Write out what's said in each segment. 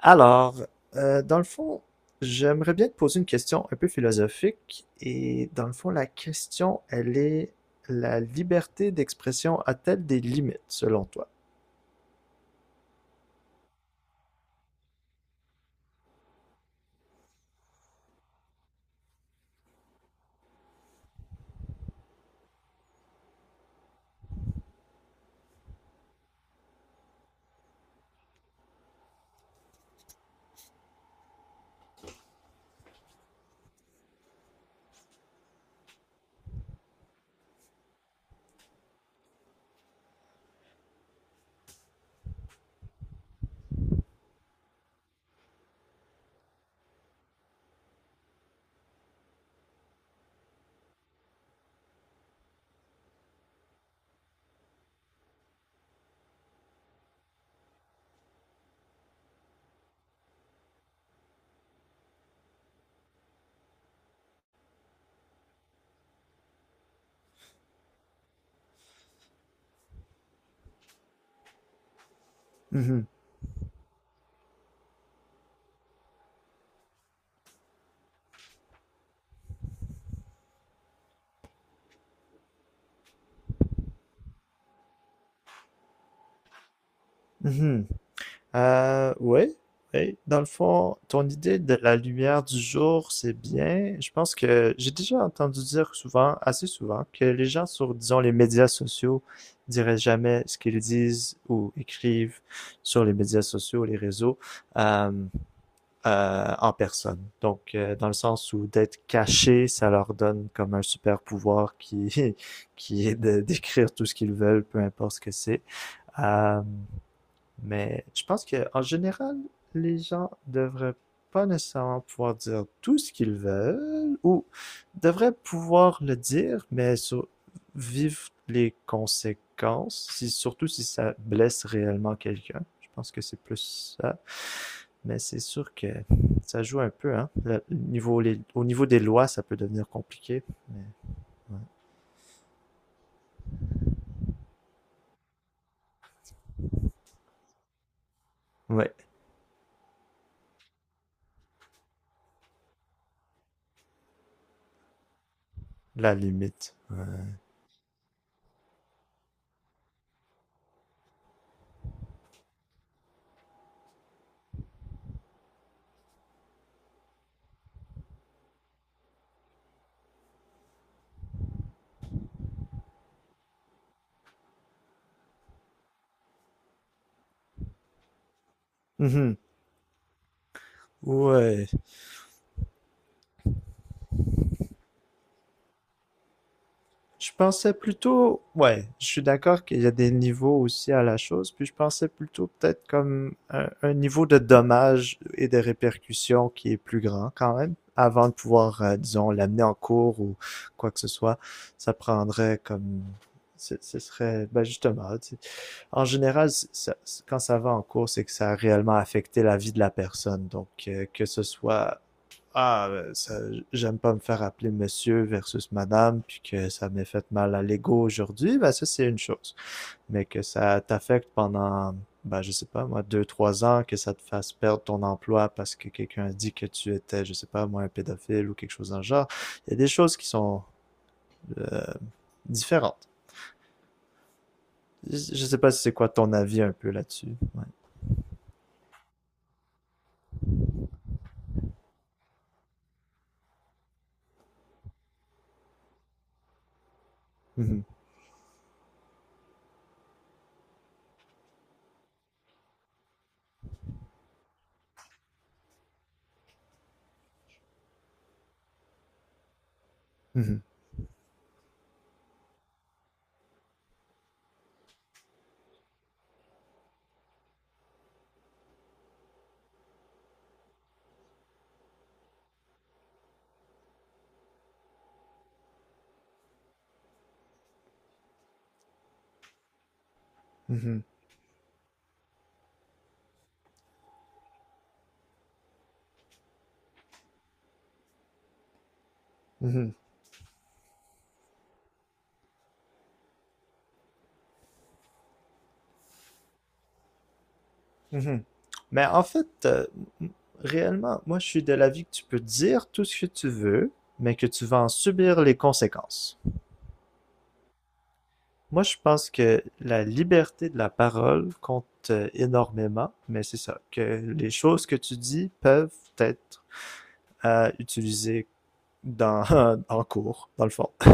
Alors, dans le fond, j'aimerais bien te poser une question un peu philosophique. Et dans le fond, la question, elle est, la liberté d'expression a-t-elle des limites, selon toi? Mhm, mhm. Oui, oui. Dans le fond, ton idée de la lumière du jour, c'est bien. Je pense que j'ai déjà entendu dire souvent, assez souvent, que les gens sur, disons, les médias sociaux diraient jamais ce qu'ils disent ou écrivent sur les médias sociaux, les réseaux. Euh, en personne. Donc, dans le sens où d'être caché, ça leur donne comme un super pouvoir qui, qui est de décrire tout ce qu'ils veulent, peu importe ce que c'est. Euh, mais je pense que en général, les gens devraient pas nécessairement pouvoir dire tout ce qu'ils veulent ou devraient pouvoir le dire, mais sur, vivre les conséquences, si, surtout si ça blesse réellement quelqu'un. Je pense que c'est plus ça. Mais c'est sûr que ça joue un peu, hein. Le au niveau des lois, ça peut devenir compliqué. Mais ouais. Ouais, la limite. Mhm. Ouais. Je pensais plutôt. Ouais, je suis d'accord qu'il y a des niveaux aussi à la chose. Puis je pensais plutôt peut-être comme un niveau de dommages et de répercussions qui est plus grand quand même. Avant de pouvoir, disons, l'amener en cours ou quoi que ce soit, ça prendrait comme. Ce serait, ben justement, tu sais, en général, quand ça va en cours, c'est que ça a réellement affecté la vie de la personne. Donc, que ce soit, ah, euh, ça- j'aime pas me faire appeler monsieur versus madame, puis que ça m'ait fait mal à l'ego aujourd'hui, ben ça, c'est une chose. Mais que ça t'affecte pendant, ben, je sais pas, moi, deux, trois ans, que ça te fasse perdre ton emploi parce que quelqu'un a dit que tu étais, je sais pas, moi, un pédophile ou quelque chose dans le genre. Il y a des choses qui sont euh, différentes. Je sais pas si c'est quoi ton avis un peu là-dessus. Ouais. Mhm. Mhm. Mhm, mhm, mhm. Mais en fait, m- réellement, moi, je suis de l'avis que tu peux dire tout ce que tu veux, mais que tu vas en subir les conséquences. Moi, je pense que la liberté de la parole compte énormément, mais c'est ça, que les choses que tu dis peuvent être utilisées dans, en cours, dans le fond,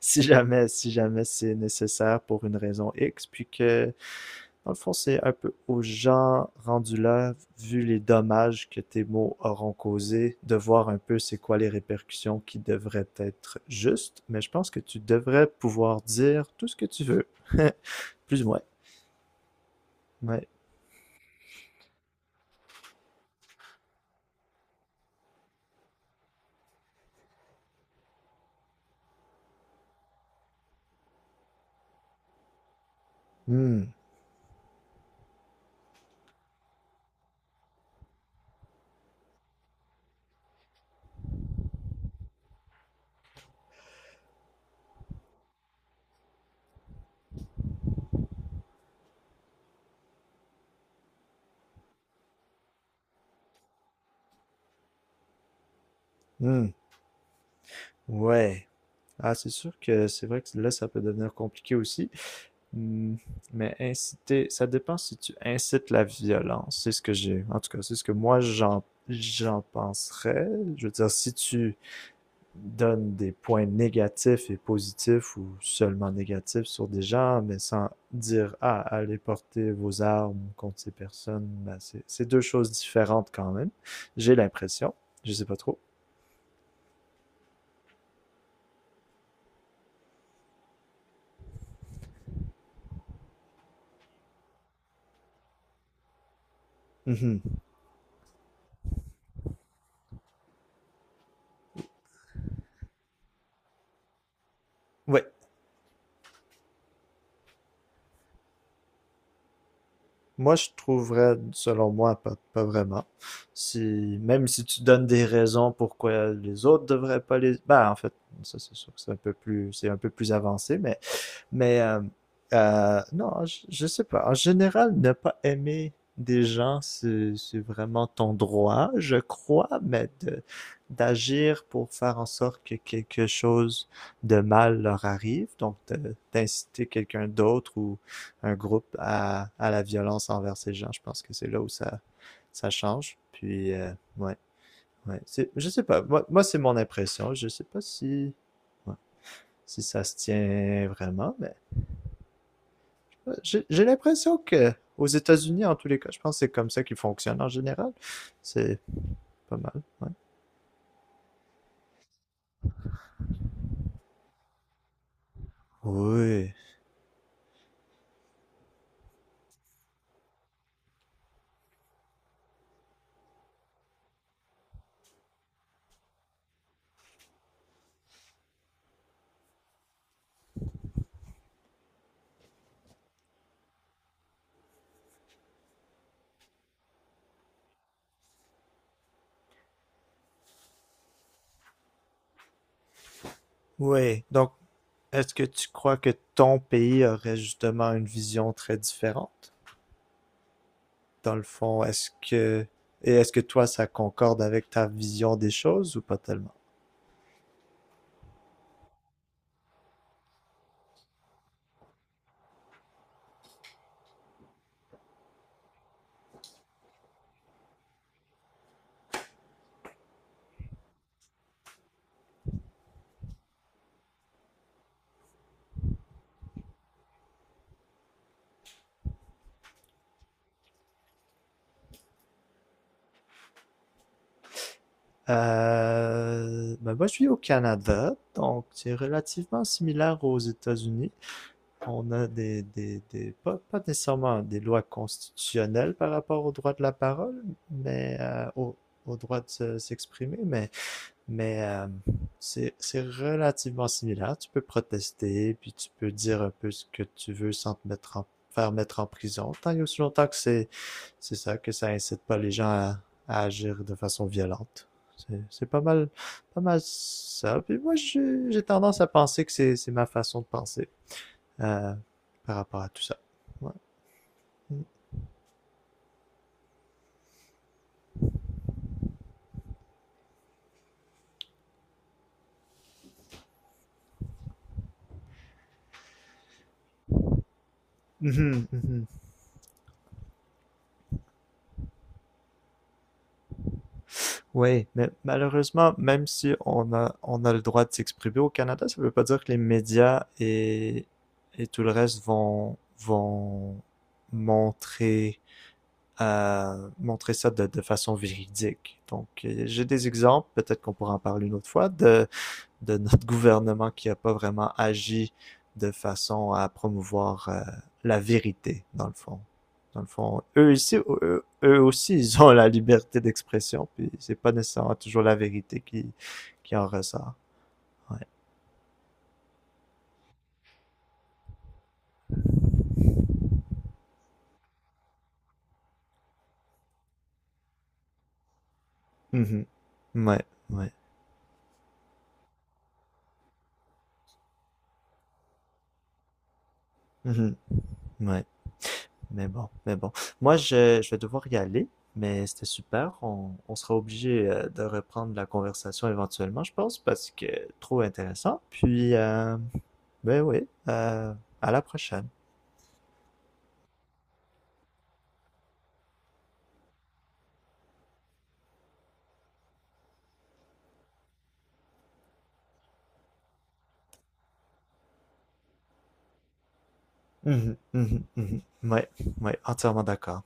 si jamais, si jamais c'est nécessaire pour une raison X, puis que dans le fond, c'est un peu aux gens rendus là, vu les dommages que tes mots auront causés, de voir un peu c'est quoi les répercussions qui devraient être justes, mais je pense que tu devrais pouvoir dire tout ce que tu veux. Plus ou moins. Ouais. Hmm. Hmm. Ouais. Ah, c'est sûr que c'est vrai que là, ça peut devenir compliqué aussi. Hmm. Mais inciter, ça dépend si tu incites la violence. C'est ce que j'ai. En tout cas, c'est ce que moi, j'en penserais. Je veux dire, si tu donne des points négatifs et positifs ou seulement négatifs sur des gens, mais sans dire ah, allez porter vos armes contre ces personnes, ben, c'est deux choses différentes quand même. J'ai l'impression. Je sais pas trop. Mhm. Oui. Moi, je trouverais, selon moi, pas vraiment. Si, même si tu donnes des raisons pourquoi les autres devraient pas les, ben, en fait, ça, c'est sûr que c'est un peu plus, c'est un peu plus avancé, mais non, je sais pas. En général, ne pas aimer des gens, c'est vraiment ton droit, je crois, d'agir pour faire en sorte que quelque chose de mal leur arrive, d'inciter quelqu'un d'autre ou un groupe à la violence envers ces gens, je pense que c'est là où ça change. Puis, ouais, ouais, c'est, je sais pas, moi, moi c'est mon impression, je sais pas si, ouais, si ça se tient vraiment, mais j'ai l'impression que aux États-Unis, en tous les cas, je pense que c'est comme ça qu'ils fonctionnent en général. C'est pas mal, ouais. Oui. Oui. Donc, est-ce que tu crois que ton pays aurait justement une vision très différente? Dans le fond, est-ce que et est-ce que toi, ça concorde avec ta vision des choses ou pas tellement? Ben moi, je suis au Canada, donc c'est relativement similaire aux États-Unis. On a des pas, pas nécessairement des lois constitutionnelles par rapport au droit de la parole, mais au droit de s'exprimer, mais c'est relativement similaire. Tu peux protester, puis tu peux dire un peu ce que tu veux sans faire mettre en prison, tant et aussi longtemps que c'est ça, que ça incite pas les gens à agir de façon violente. C'est- pas mal, pas mal ça. Puis moi, j'ai tendance à penser que c'est ma façon de penser euh, par rapport à tout ça. Ouais. Mhm, mhm. Oui, mais malheureusement, même si on a, on a le droit de s'exprimer au Canada, ça veut pas dire que les médias et tout le reste vont montrer, montrer ça de façon véridique. Donc, j'ai des exemples, peut-être qu'on pourra en parler une autre fois, de notre gouvernement qui n'a pas vraiment agi de façon à promouvoir la vérité, dans le fond. Dans le fond, eux aussi, ils ont la liberté d'expression, puis c'est pas nécessairement toujours la vérité qui en ressort. Ouais. Mhm. Ouais, ouais. Mhm. Ouais. Mais bon. Je vais devoir y aller, mais c'était super. On sera obligé de reprendre la conversation éventuellement, je pense, parce que trop intéressant. Ben oui, heu, à la prochaine. Mmh mh. Mmh. Mmh. Ouais, ouais, entièrement d'accord.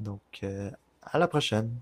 Donc, à la prochaine.